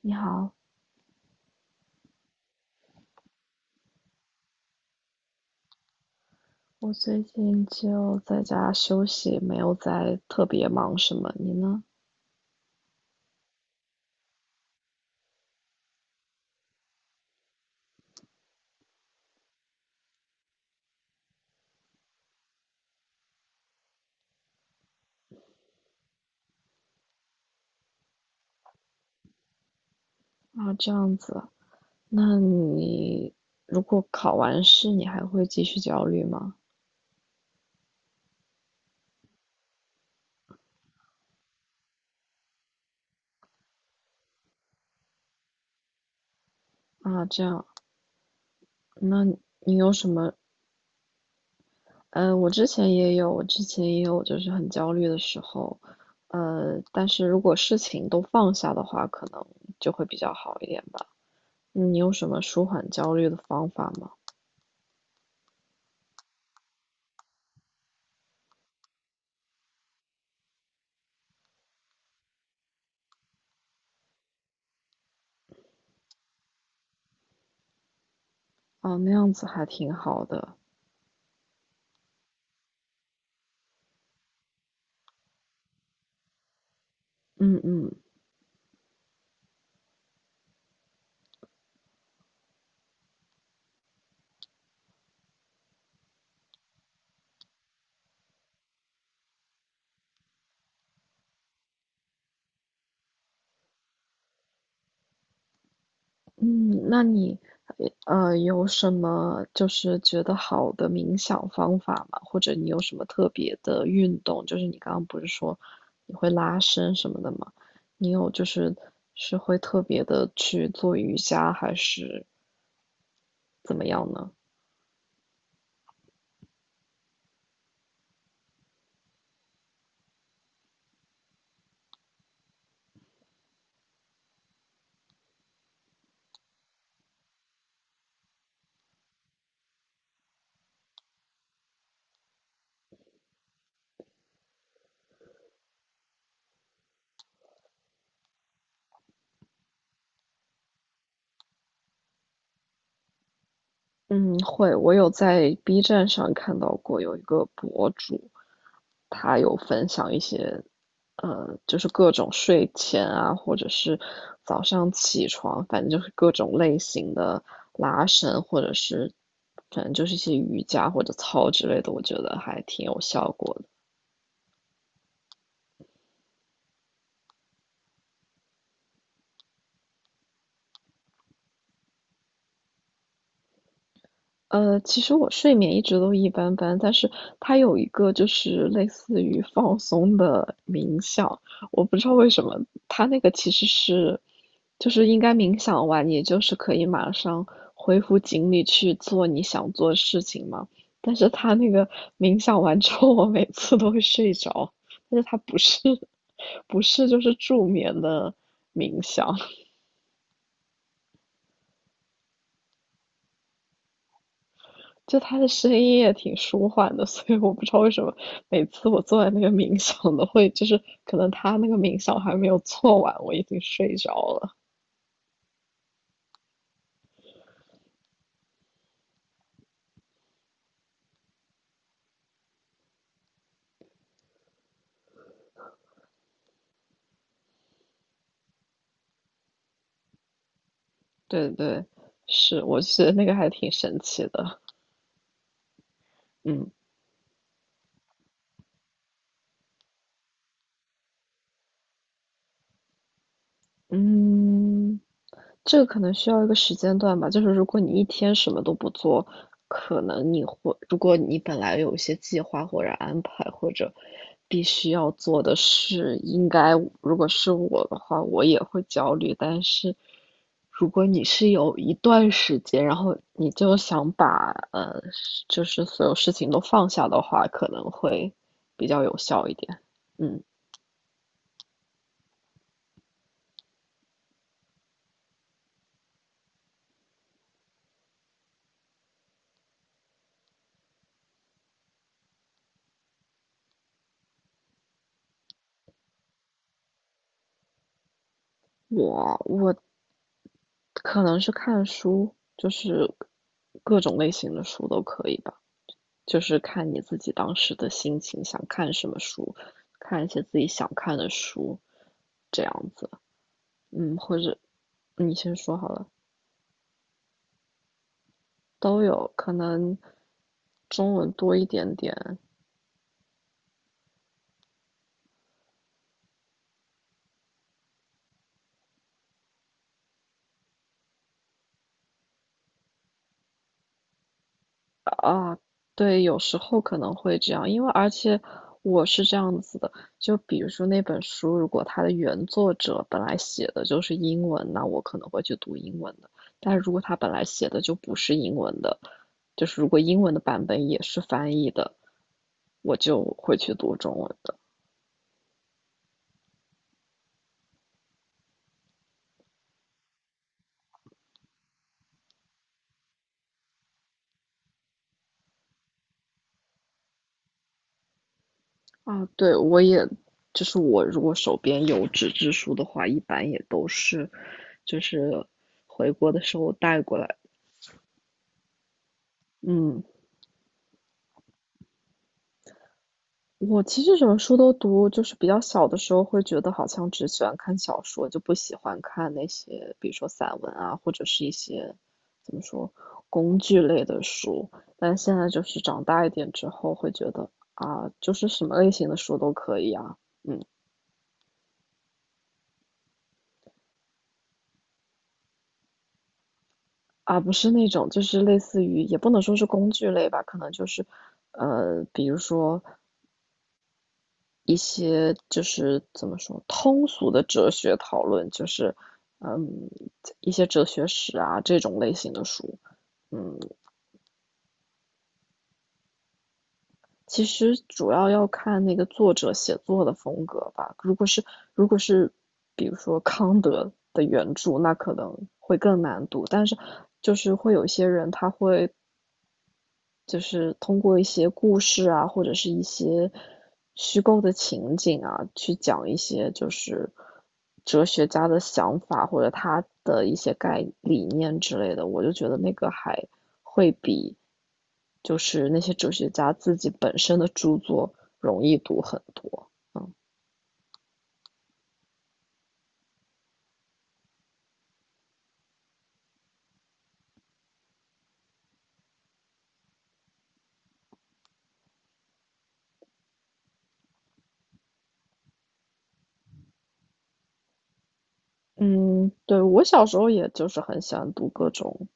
你好，我最近就在家休息，没有在特别忙什么。你呢？啊，这样子啊。那你如果考完试，你还会继续焦虑吗？啊，这样。那你有什么？我之前也有，就是很焦虑的时候。但是如果事情都放下的话，可能就会比较好一点吧。你有什么舒缓焦虑的方法吗？啊，那样子还挺好的。嗯嗯。嗯，那你有什么就是觉得好的冥想方法吗？或者你有什么特别的运动？就是你刚刚不是说你会拉伸什么的吗？你有就是是会特别的去做瑜伽还是怎么样呢？嗯，会，我有在 B 站上看到过有一个博主，他有分享一些，就是各种睡前啊，或者是早上起床，反正就是各种类型的拉伸，或者是反正就是一些瑜伽或者操之类的，我觉得还挺有效果的。其实我睡眠一直都一般般，但是它有一个就是类似于放松的冥想，我不知道为什么它那个其实是，就是应该冥想完，你就是可以马上恢复精力去做你想做的事情嘛。但是它那个冥想完之后，我每次都会睡着，但是它不是 不是就是助眠的冥想。就他的声音也挺舒缓的，所以我不知道为什么每次我坐在那个冥想的会，就是可能他那个冥想还没有做完，我已经睡着了。对对，是，我觉得那个还挺神奇的。嗯嗯。这个可能需要一个时间段吧，就是如果你一天什么都不做，可能你会，如果你本来有一些计划或者安排或者必须要做的事，应该如果是我的话，我也会焦虑。但是如果你是有一段时间，然后你就想把就是所有事情都放下的话，可能会比较有效一点。嗯，我可能是看书，就是各种类型的书都可以吧，就是看你自己当时的心情，想看什么书，看一些自己想看的书，这样子。嗯，或者你先说好了，都有，可能中文多一点点，啊，对，有时候可能会这样，因为而且我是这样子的，就比如说那本书，如果它的原作者本来写的就是英文，那我可能会去读英文的。但是如果他本来写的就不是英文的，就是如果英文的版本也是翻译的，我就会去读中文的。啊，对，我也，就是我如果手边有纸质书的话，一般也都是，就是回国的时候带过来。嗯。我其实什么书都读，就是比较小的时候会觉得好像只喜欢看小说，就不喜欢看那些，比如说散文啊，或者是一些怎么说工具类的书。但现在就是长大一点之后，会觉得啊，就是什么类型的书都可以啊，嗯，啊，不是那种就是类似于也不能说是工具类吧，可能就是比如说一些就是怎么说通俗的哲学讨论，就是嗯一些哲学史啊这种类型的书。嗯，其实主要要看那个作者写作的风格吧。如果是比如说康德的原著，那可能会更难读。但是就是会有一些人他会就是通过一些故事啊，或者是一些虚构的情景啊，去讲一些就是哲学家的想法或者他的一些概理念之类的，我就觉得那个还会比就是那些哲学家自己本身的著作容易读很多。嗯。嗯，对，我小时候也就是很喜欢读各种，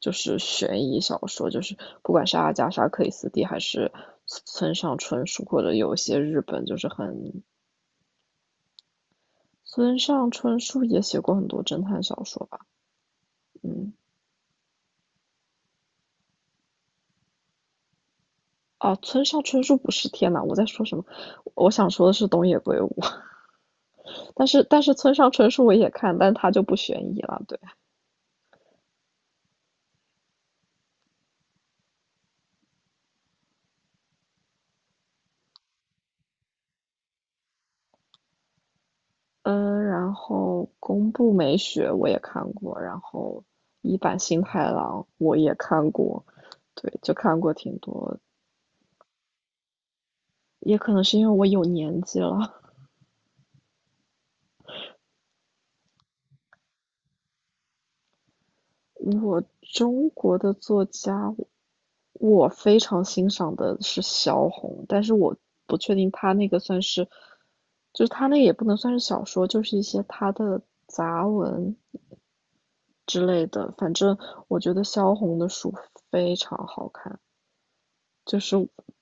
就是悬疑小说，就是不管是阿加莎·克里斯蒂还是村上春树，或者有一些日本就是很，村上春树也写过很多侦探小说吧，嗯，啊，村上春树不是，天呐，我在说什么？我想说的是东野圭吾，但是村上春树我也看，但他就不悬疑了，对。嗯，然后宫部美雪我也看过，然后一坂幸太郎我也看过，对，就看过挺多，也可能是因为我有年纪了。我中国的作家，我非常欣赏的是萧红，但是我不确定他那个算是，就是他那也不能算是小说，就是一些他的杂文之类的。反正我觉得萧红的书非常好看。就是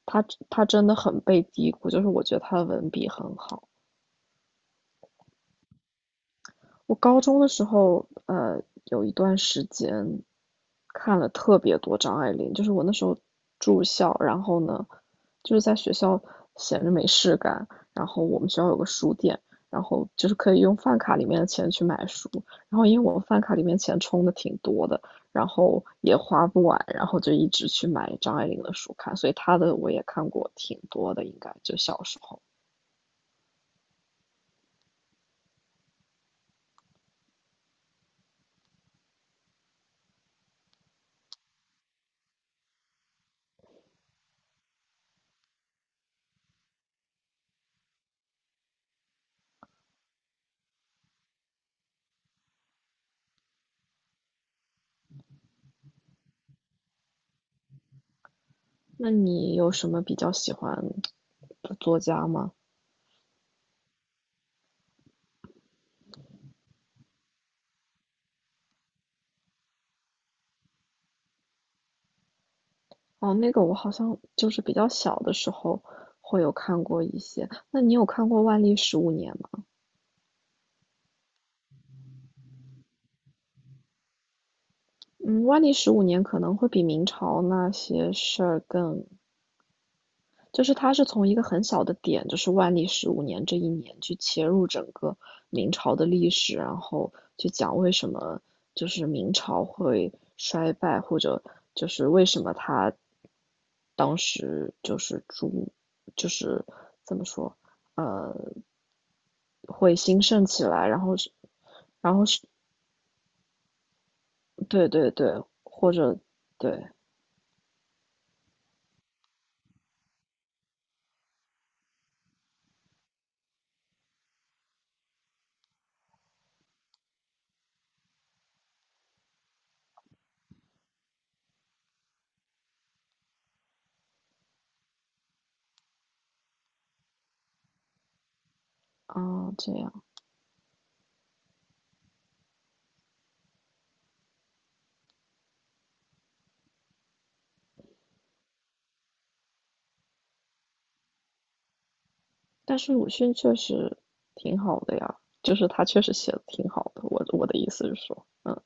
他他真的很被低估，就是我觉得他的文笔很好。我高中的时候，有一段时间看了特别多张爱玲，就是我那时候住校，然后呢，就是在学校闲着没事干，然后我们学校有个书店，然后就是可以用饭卡里面的钱去买书，然后因为我们饭卡里面钱充的挺多的，然后也花不完，然后就一直去买张爱玲的书看，所以她的我也看过挺多的，应该就小时候。那你有什么比较喜欢的作家吗？哦，那个我好像就是比较小的时候会有看过一些。那你有看过万历十五年吗？嗯，万历十五年可能会比明朝那些事儿更就是它是从一个很小的点，就是万历十五年这一年去切入整个明朝的历史，然后去讲为什么就是明朝会衰败，或者就是为什么它当时就是朱就是怎么说呃会兴盛起来，然后是对对对，或者对。啊这样。但是鲁迅确实挺好的呀，就是他确实写的挺好的。我的意思是说，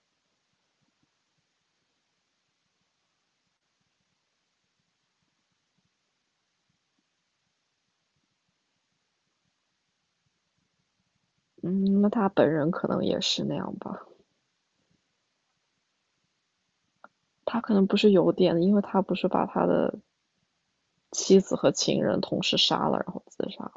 嗯，那他本人可能也是那样吧。他可能不是有点，因为他不是把他的妻子和情人同时杀了，然后自杀。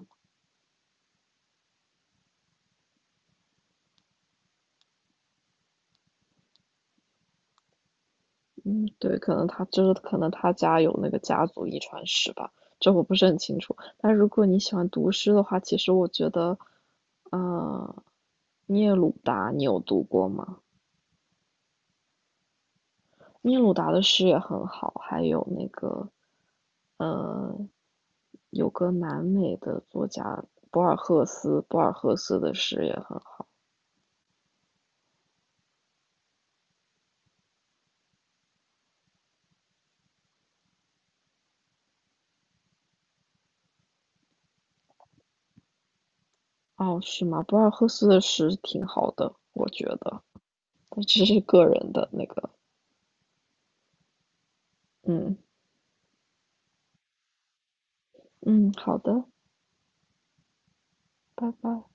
嗯，对，可能他就是可能他家有那个家族遗传史吧，这我不是很清楚。但如果你喜欢读诗的话，其实我觉得，呃，聂鲁达你有读过吗？聂鲁达的诗也很好，还有那个，呃，有个南美的作家博尔赫斯，博尔赫斯的诗也很好。哦，是吗？博尔赫斯的诗挺好的，我觉得，但这是个人的那个，嗯嗯，好的，拜拜。